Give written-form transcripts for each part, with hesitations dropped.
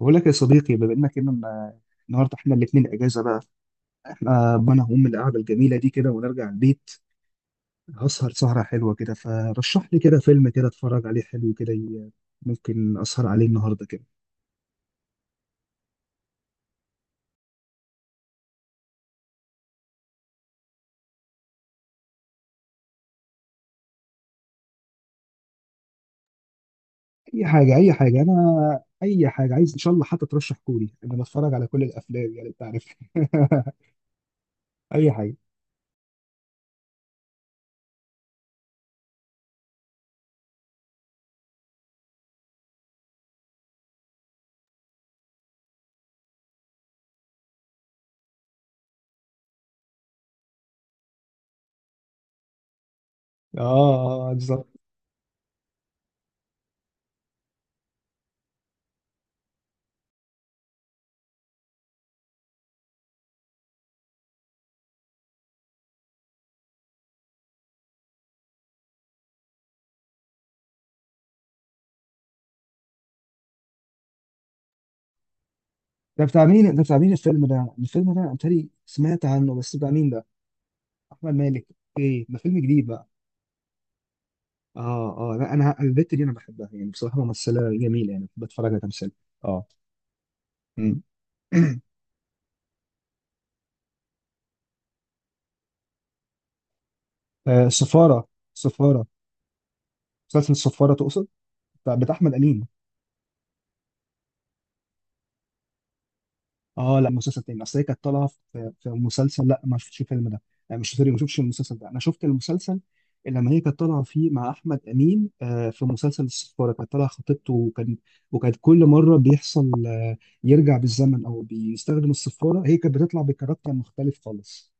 بقول لك يا صديقي، بما انك النهارده احنا الاثنين اجازه بقى. احنا ما انا هقوم من القعده الجميله دي كده ونرجع البيت. هسهر سهره حلوه كده. فرشح لي كده فيلم كده اتفرج عليه حلو كده. ممكن اسهر عليه النهارده كده. اي حاجه، اي حاجه انا، اي حاجه عايز ان شاء الله. حتى ترشح كوري، انا بتفرج على كل الافلام يعني، انت عارف. اي حاجه. اه، آه، بالظبط. ده بتاع مين؟ ده بتاع مين الفيلم ده؟ الفيلم ده انا بتهيألي سمعت عنه، بس بتاع مين ده؟ احمد مالك. ايه ده، فيلم جديد بقى؟ اه اه، لا، انا البت دي انا بحبها يعني، بصراحه ممثله جميله، يعني بحب اتفرج على تمثيلها. اه. مم. آه، سفاره. سفاره. مسلسل السفاره تقصد؟ بتاع احمد امين. اه لا، مسلسل تاني، اصل هي كانت طالعه في مسلسل. لا ما شفتش الفيلم ده. انا مش سوري، ما شفتش المسلسل ده. انا شفت المسلسل اللي لما هي كانت طالعه فيه مع احمد امين. آه، في مسلسل السفاره كانت طالعه خطيبته وكان، وكانت كل مره بيحصل يرجع بالزمن او بيستخدم السفاره، هي كانت بتطلع بكاركتر مختلف خالص.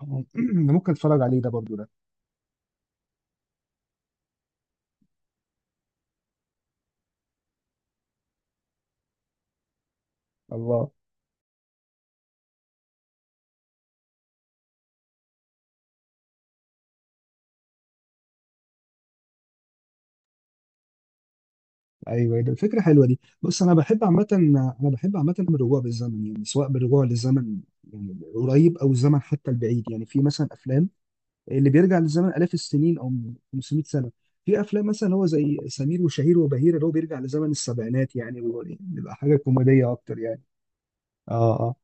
آه، ممكن اتفرج عليه ده برضو ده. الله. ايوه، ده الفكره حلوه دي. بص انا بحب عامه، انا بحب عامه الرجوع بالزمن، يعني سواء بالرجوع للزمن يعني قريب او الزمن حتى البعيد. يعني في مثلا افلام اللي بيرجع للزمن الاف السنين او 500 سنه. في افلام مثلا هو زي سمير وشهير وبهير اللي هو بيرجع لزمن السبعينات يعني، بيبقى حاجه كوميديه اكتر يعني. اه اه،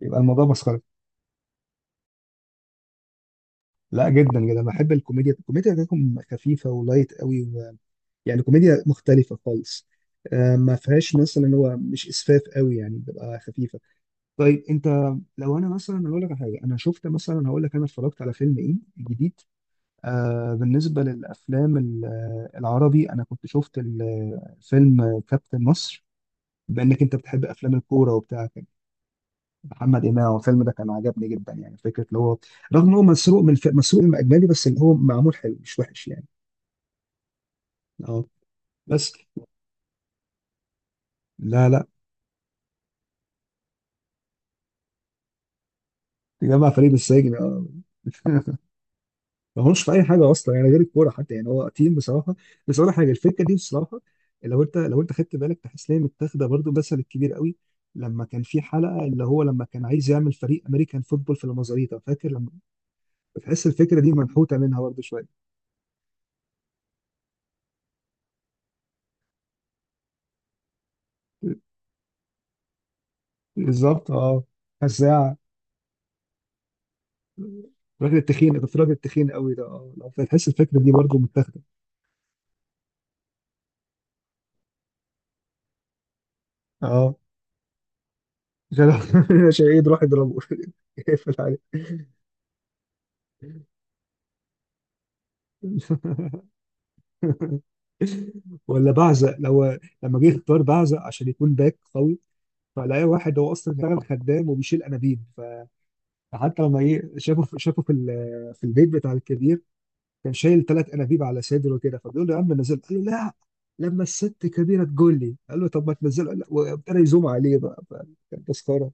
يبقى الموضوع مسخره. لا، جدا جدا بحب الكوميديا. الكوميديا بتاعتهم خفيفه ولايت قوي، يعني كوميديا مختلفة خالص. آه، ما فيهاش مثلا اللي هو مش اسفاف قوي يعني، بتبقى خفيفة. طيب انت، لو انا مثلا هقول لك على حاجة، انا شفت مثلا، هقول لك انا اتفرجت على فيلم ايه جديد. آه، بالنسبة للافلام ال- آه، العربي، انا كنت شفت فيلم كابتن مصر، بانك انت بتحب افلام الكورة وبتاع كان. محمد إمام، الفيلم ده كان عجبني جدا يعني. فكرة اللي هو، رغم ان هو مسروق مسروق من اجنبي، بس اللي هو معمول حلو مش وحش يعني. اه. بس. لا لا. تجمع فريق بس هاجم، اه. ما هوش في اي حاجه اصلا يعني غير الكوره حتى، يعني هو تيم بصراحه. بس اقول لك حاجه، الفكره دي بصراحه، لو انت خدت بالك، تحس ان هي متاخده برضه مثل الكبير قوي. لما كان في حلقه اللي هو لما كان عايز يعمل فريق امريكان فوتبول في المزاريطه، فاكر لما، بتحس الفكره دي منحوته منها برضه شويه. بالظبط اه. فزاعه. الراجل التخين قوي ده، اه، لو فتحس الفكره دي برضه متاخده. اه. عشان، عشان ايه يروح يضربه. يقفل عليه. ولا بعزق، لو لما جه اختار بعزق عشان يكون باك قوي، فلاقي واحد هو اصلا اشتغل خدام وبيشيل انابيب. فحتى لما ايه شافه في البيت بتاع الكبير كان شايل ثلاث انابيب على صدره كده، فبيقول له يا عم نزل. قال له لا، لما الست كبيره تقول لي. قال له طب ما تنزله. قال لا، وابتدى يزوم عليه بقى، فكان تسخره.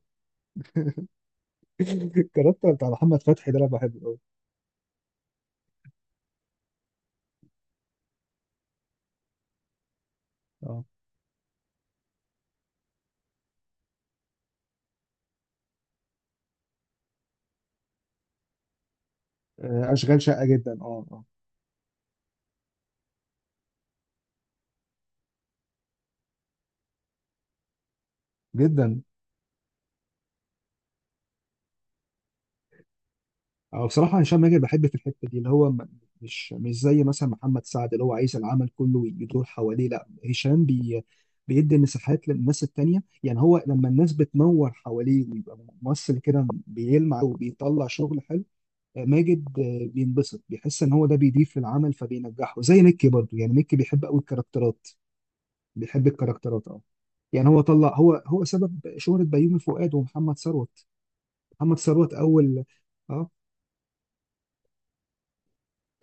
الكاركتر بتاع محمد فتحي ده انا بحبه قوي. اه. آه، اشغال شقه جدا، اه اه، جدا. أو بصراحة هشام ماجد بحب في الحتة دي اللي هو، مش زي مثلا محمد سعد اللي هو عايز العمل كله يدور حواليه. لا هشام بي، بيدي مساحات للناس التانية. يعني هو لما الناس بتنور حواليه ويبقى ممثل كده بيلمع وبيطلع شغل حلو. آه، ماجد آه، بينبسط، بيحس ان هو ده بيضيف للعمل فبينجحه. زي ميكي برضه يعني، ميكي بيحب قوي الكاركترات. بيحب الكاركترات اه. يعني هو طلع، هو سبب شهرة بيومي فؤاد ومحمد ثروت. محمد ثروت اول. اه.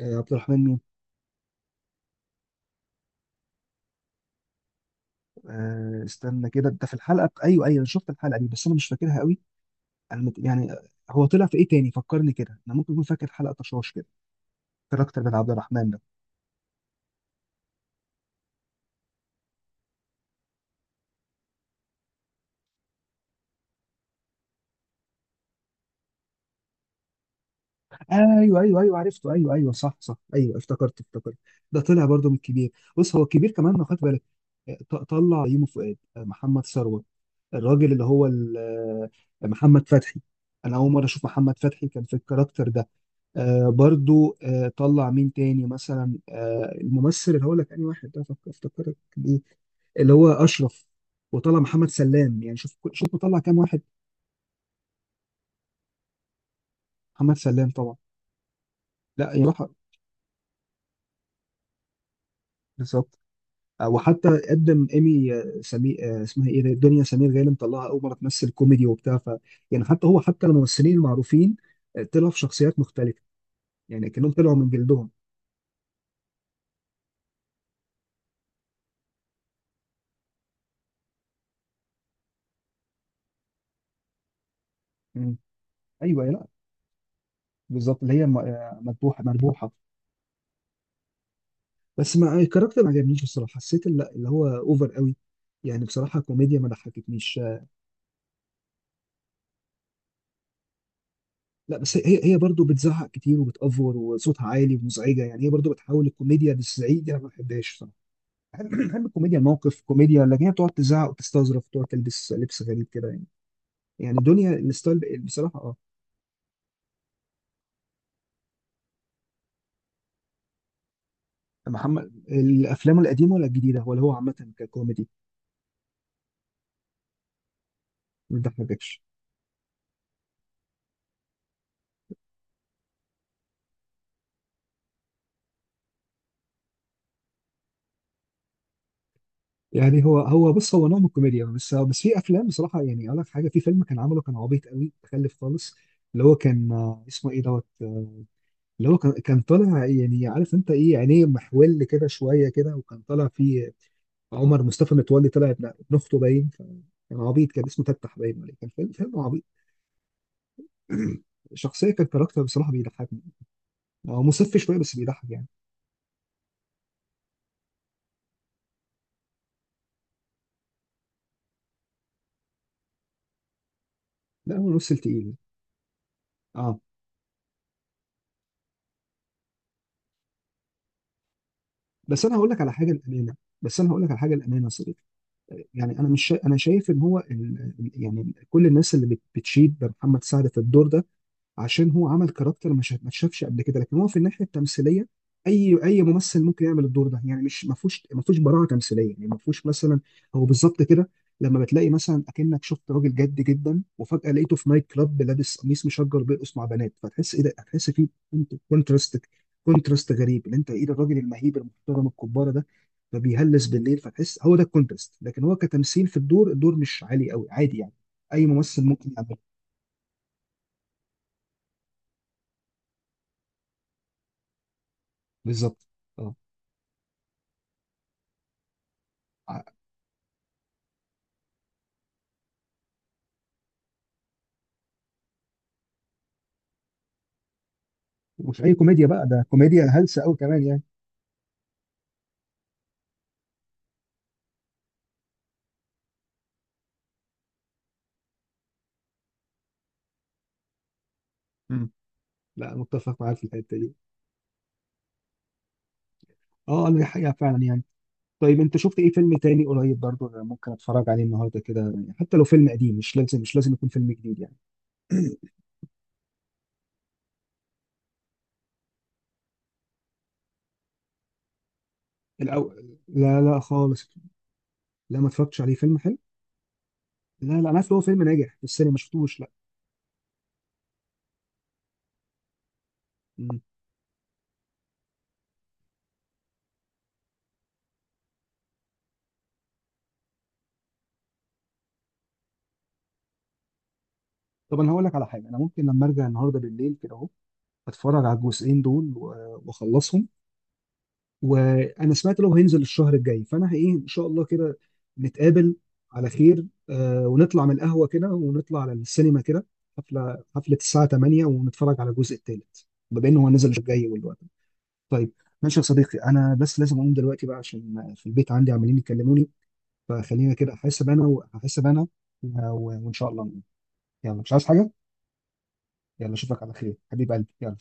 آه، عبد الرحمن. آه، استنى كده، انت في الحلقه ايوه ايوه، انا شفت الحلقه دي، بس انا مش فاكرها قوي. انا يعني، هو طلع في ايه تاني فكرني كده؟ انا ممكن اكون فاكر حلقه طشاش كده الكاركتر بتاع عبد الرحمن ده. ايوه ايوه ايوه عرفته، ايوه ايوه، صح صح، ايوه افتكرت افتكرت. ده طلع برضه من الكبير. بص، هو الكبير كمان لو خدت بالك، آه، طلع يومه فؤاد، آه، محمد ثروت، الراجل اللي هو آه، محمد فتحي. انا اول مره اشوف محمد فتحي كان في الكاركتر ده. آه برضو، آه، طلع مين تاني مثلا؟ آه، الممثل اللي هقول لك انهي واحد ده، افتكرك بيه، اللي هو اشرف. وطلع محمد سلام، يعني شوف شوف طلع كام واحد. محمد سلام طبعا. لا يروح. بالظبط. آه، وحتى قدم ايمي آه، سمير، آه، اسمها ايه دي؟ دنيا سمير غانم، مطلعها اول مره تمثل كوميدي وبتاع. ف يعني حتى هو، حتى الممثلين المعروفين آه، طلعوا في شخصيات مختلفه، يعني كأنهم طلعوا من جلدهم. مم. ايوه. لا، بالظبط، اللي هي آه، مذبوحه مربوحه. بس ما الكاركتر ما عجبنيش بصراحه، حسيت لا اللي هو اوفر قوي، يعني بصراحه كوميديا ما ضحكتنيش. لا، بس هي برضه بتزعق كتير وبتأفور وصوتها عالي ومزعجه يعني. هي برضه بتحاول الكوميديا للزعيق دي، انا ما بحبهاش بصراحه. بحب بحب الكوميديا الموقف كوميديا، لكن هي بتقعد تزعق وتستظرف وتقعد تلبس لبس غريب كده يعني. يعني دنيا الستايل بصراحه اه. محمد الافلام القديمه ولا الجديده ولا هو عامه ككوميدي؟ ما بتضحكش. يعني هو بص، هو نوع من الكوميديا، بس بس في افلام بصراحه، يعني اقول لك حاجه، في فيلم كان عمله كان عبيط قوي تخلف خالص. اللي هو كان آه، اسمه ايه دوت آه، اللي هو كان طالع، يعني عارف انت ايه، عينيه محول كده شويه كده، وكان طالع فيه عمر مصطفى متولي، طلع ابن اخته باين كان، عبيط، كان اسمه تفتح باين عليه، كان فيلم فيلم عبيط. شخصيه كان كاركتر بصراحه بيضحكني. هو مصف شويه بس بيضحك يعني. لا هو ممثل تقيل. اه، بس انا هقول لك على حاجه الامانه، بس انا هقول لك على حاجه الامانه يا صديقي. يعني انا مش شا- انا شايف ان هو يعني كل الناس اللي بتشيد بمحمد سعد في الدور ده، عشان هو عمل كاركتر مش ما اتشافش قبل كده، لكن هو في الناحيه التمثيليه اي اي ممثل ممكن يعمل الدور ده. يعني مش ما فيهوش، ما فيهوش براعه تمثيليه، يعني ما فيهوش مثلا، هو بالظبط كده، لما بتلاقي مثلا اكنك شفت راجل جد جدا وفجاه لقيته في نايت كلاب لابس قميص مشجر بيرقص مع بنات، فتحس ايه ده، هتحس فيه كونتراست، كونتراست غريب، اللي انت ايه ده الراجل المهيب المحترم الكباره ده فبيهلس بالليل، فتحس هو ده الكونتراست. لكن هو كتمثيل في الدور، الدور مش عالي قوي، عادي يعني، اي ممثل ممكن يعمله. بالظبط اه. ومش اي كوميديا بقى، ده كوميديا هلسه قوي كمان يعني. مم. لا متفق معاك في الحته دي. اه انا دي حقيقه فعلا يعني. طيب انت شفت ايه فيلم تاني قريب برضو أنا ممكن اتفرج عليه النهارده كده؟ يعني حتى لو فيلم قديم، مش لازم، مش لازم يكون فيلم جديد يعني. الاول، لا لا خالص، لا ما اتفرجتش عليه. فيلم حلو. لا لا، انا عارف إن هو فيلم ناجح في السينما، ما شفتوش لا. مم. طب انا هقول لك على حاجه، انا ممكن لما ارجع النهارده بالليل كده اهو اتفرج على الجزئين دول واخلصهم، وانا سمعت لو هينزل الشهر الجاي، فانا ايه ان شاء الله كده نتقابل على خير آه، ونطلع من القهوه كده ونطلع على السينما كده، حفله حفله الساعه 8 ونتفرج على الجزء الثالث، بما انه هو نزل الجاي والوقت. طيب، ماشي يا صديقي، انا بس لازم اقوم دلوقتي بقى، عشان في البيت عندي عمالين يكلموني. فخلينا كده احاسب انا، واحاسب انا، وان شاء الله نقوم. يلا مش عايز حاجه. يلا اشوفك على خير حبيب قلبي، يلا.